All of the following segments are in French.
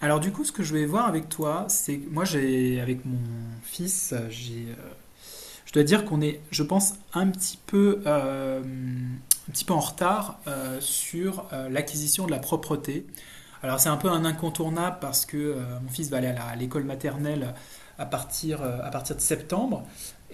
Alors du coup, ce que je vais voir avec toi, c'est moi j'ai avec mon fils, j'ai, je dois dire qu'on est, je pense, un petit peu en retard sur l'acquisition de la propreté. Alors c'est un peu un incontournable parce que mon fils va aller à l'école maternelle à partir de septembre.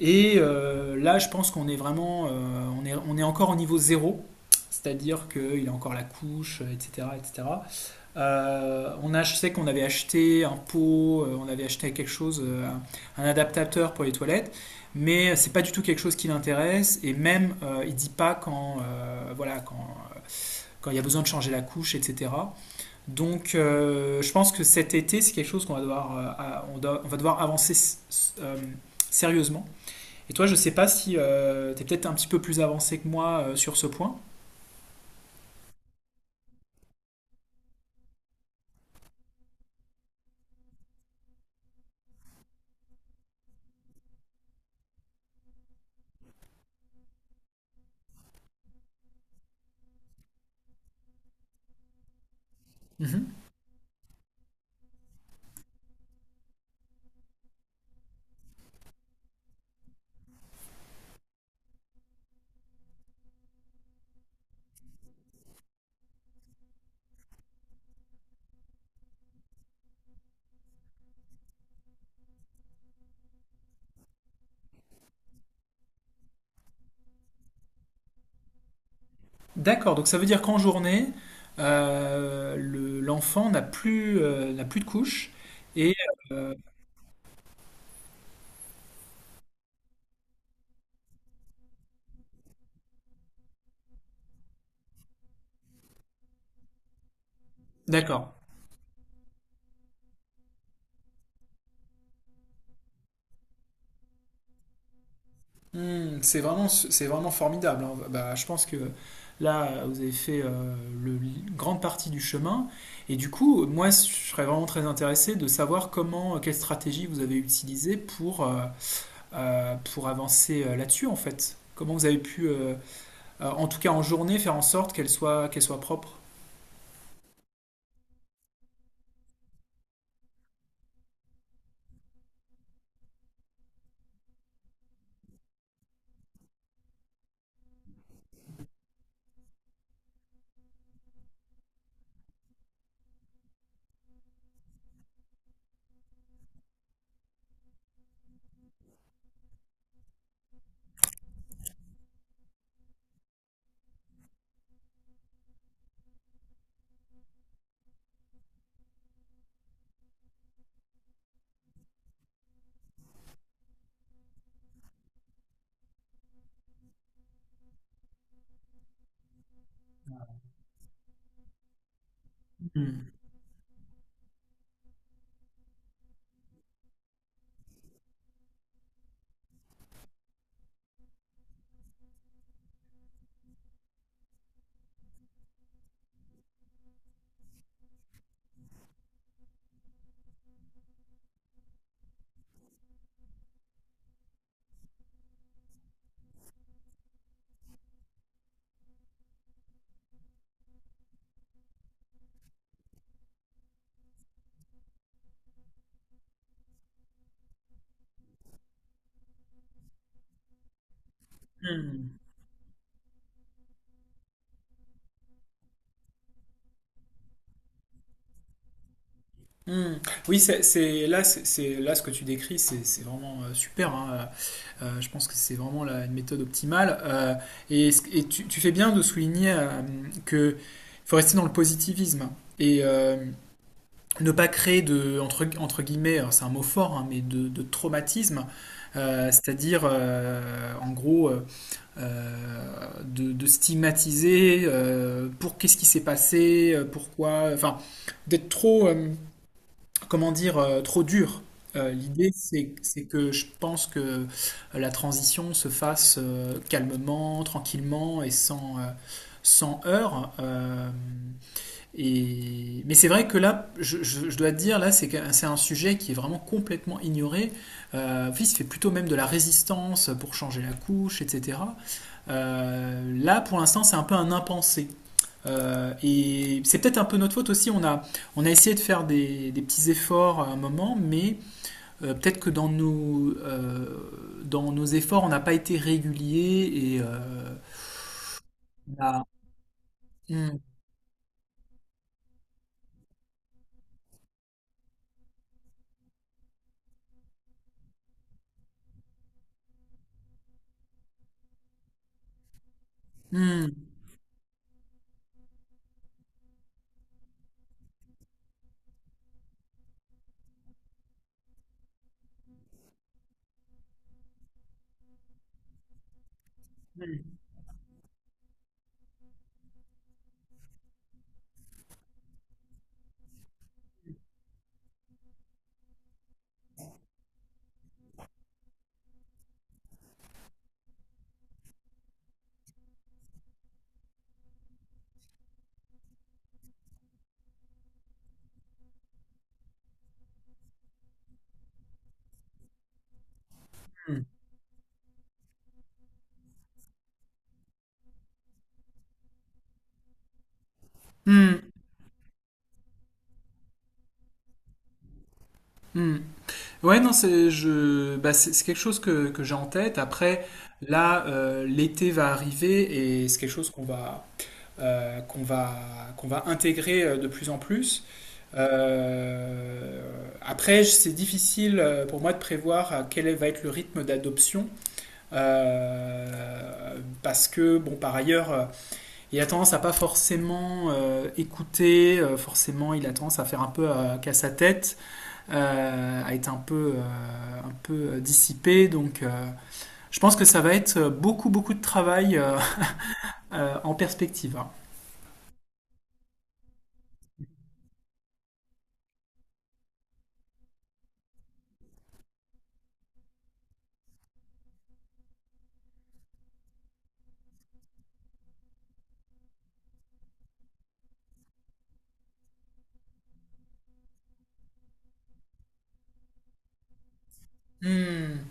Et là, je pense qu'on est vraiment, on est encore au niveau zéro, c'est-à-dire qu'il a encore la couche, etc., etc. On a, je sais qu'on avait acheté un pot, on avait acheté quelque chose, un adaptateur pour les toilettes, mais c'est pas du tout quelque chose qui l'intéresse. Et même, il dit pas quand, voilà, quand il y a besoin de changer la couche, etc. Donc, je pense que cet été, c'est quelque chose qu'on va devoir, on va devoir avancer sérieusement. Et toi, je sais pas si tu es peut-être un petit peu plus avancé que moi sur ce point. Mhm. D'accord, donc ça veut dire qu'en journée, l'enfant n'a plus, n'a plus de couche. Et euh, d'accord. Hmm, c'est vraiment formidable, hein. Bah, je pense que là, vous avez fait une grande partie du chemin. Et du coup, moi, je serais vraiment très intéressé de savoir comment, quelle stratégie vous avez utilisée pour avancer là-dessus, en fait. Comment vous avez pu, en tout cas en journée, faire en sorte qu'elle soit propre. Hmm. Hmm. Hmm. Oui, là, là ce que tu décris, c'est vraiment super, hein. Je pense que c'est vraiment une méthode optimale. Et tu, tu fais bien de souligner que faut rester dans le positivisme et ne pas créer de entre guillemets, alors c'est un mot fort, hein, mais de traumatisme. C'est-à-dire, en gros, de stigmatiser pour qu'est-ce qui s'est passé, pourquoi, enfin, d'être trop, comment dire, trop dur. L'idée, c'est que je pense que la transition se fasse calmement, tranquillement et sans, sans heurts. Mais c'est vrai que là, je dois te dire, là, c'est un sujet qui est vraiment complètement ignoré. Il se fait plutôt même de la résistance pour changer la couche, etc. Là, pour l'instant, c'est un peu un impensé. Et c'est peut-être un peu notre faute aussi. On a essayé de faire des petits efforts à un moment, mais peut-être que dans dans nos efforts, on n'a pas été régulier et on a- Hmm, hmm, hmm, hmm, hmm. Hmm. Ouais, non, c'est je, bah, c'est quelque chose que j'ai en tête. Après, là, l'été va arriver et c'est quelque chose euh, qu'on va, qu'on va intégrer de plus en plus. Euh, après, c'est difficile pour moi de prévoir quel va être le rythme d'adoption. Parce que, bon, par ailleurs, il a tendance à pas forcément écouter, forcément, il a tendance à faire un peu qu'à sa tête, à être un peu dissipé. Donc, je pense que ça va être beaucoup, beaucoup de travail en perspective, hein. Mmh.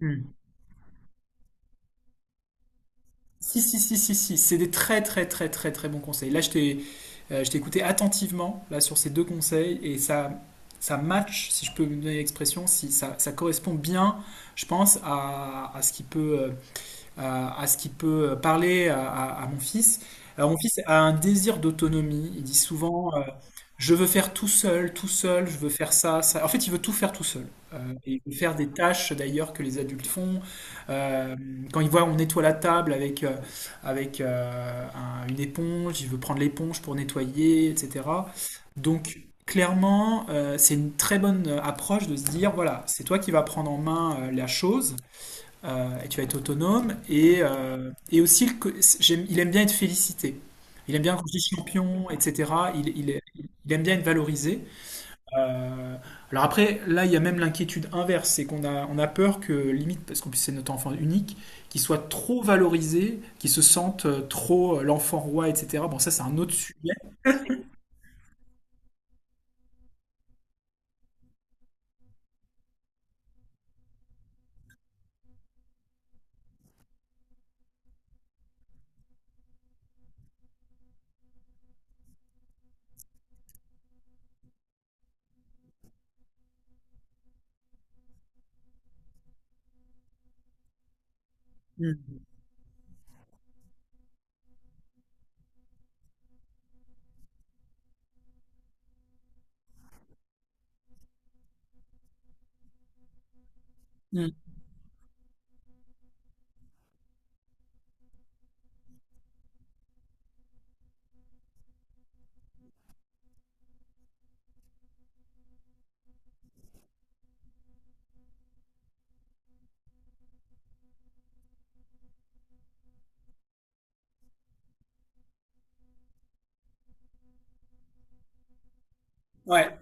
Mmh. Si, si, si, si, si. C'est des très, très, très, très, très bons conseils. Là, je t'ai écouté attentivement là, sur ces deux conseils et ça match, si je peux me donner l'expression, si ça, ça correspond bien, je pense, à ce qui peut à ce qui peut parler à mon fils. Alors, mon fils a un désir d'autonomie. Il dit souvent, je veux faire tout seul, je veux faire ça, ça. En fait, il veut tout faire tout seul. Euh, et il veut faire des tâches d'ailleurs que les adultes font. Euh, quand il voit on nettoie la table avec, avec une éponge, il veut prendre l'éponge pour nettoyer, etc. Donc, clairement, c'est une très bonne approche de se dire, voilà, c'est toi qui vas prendre en main la chose et tu vas être autonome. Et aussi, il aime bien être félicité. Il aime bien quand je dis champion, etc. Il aime bien être valorisé. Euh, alors après, là, il y a même l'inquiétude inverse, c'est on a peur que, limite, parce qu'en plus c'est notre enfant unique, qu'il soit trop valorisé, qu'il se sente trop l'enfant roi, etc. Bon, ça c'est un autre sujet. Mm. Mm. Ouais.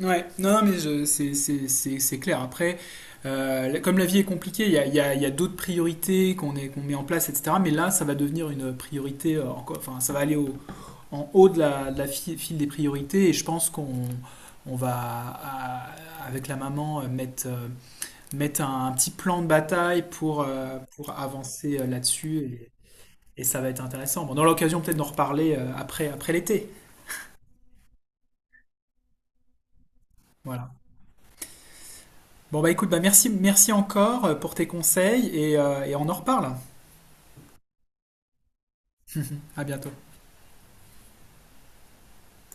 Ouais, non, non, mais c'est clair. Après, comme la vie est compliquée, il y a d'autres priorités qu'on met en place, etc. Mais là, ça va devenir une priorité, encore, enfin, ça va aller en haut de de la file des priorités. Et je pense qu'on on va, à- avec la maman, mettre, mettre un petit plan de bataille pour avancer là-dessus. Et ça va être intéressant. Bon, on aura l'occasion peut-être d'en reparler après, après l'été. Voilà. Bon bah écoute, bah merci, merci encore pour tes conseils et on en reparle. À bientôt.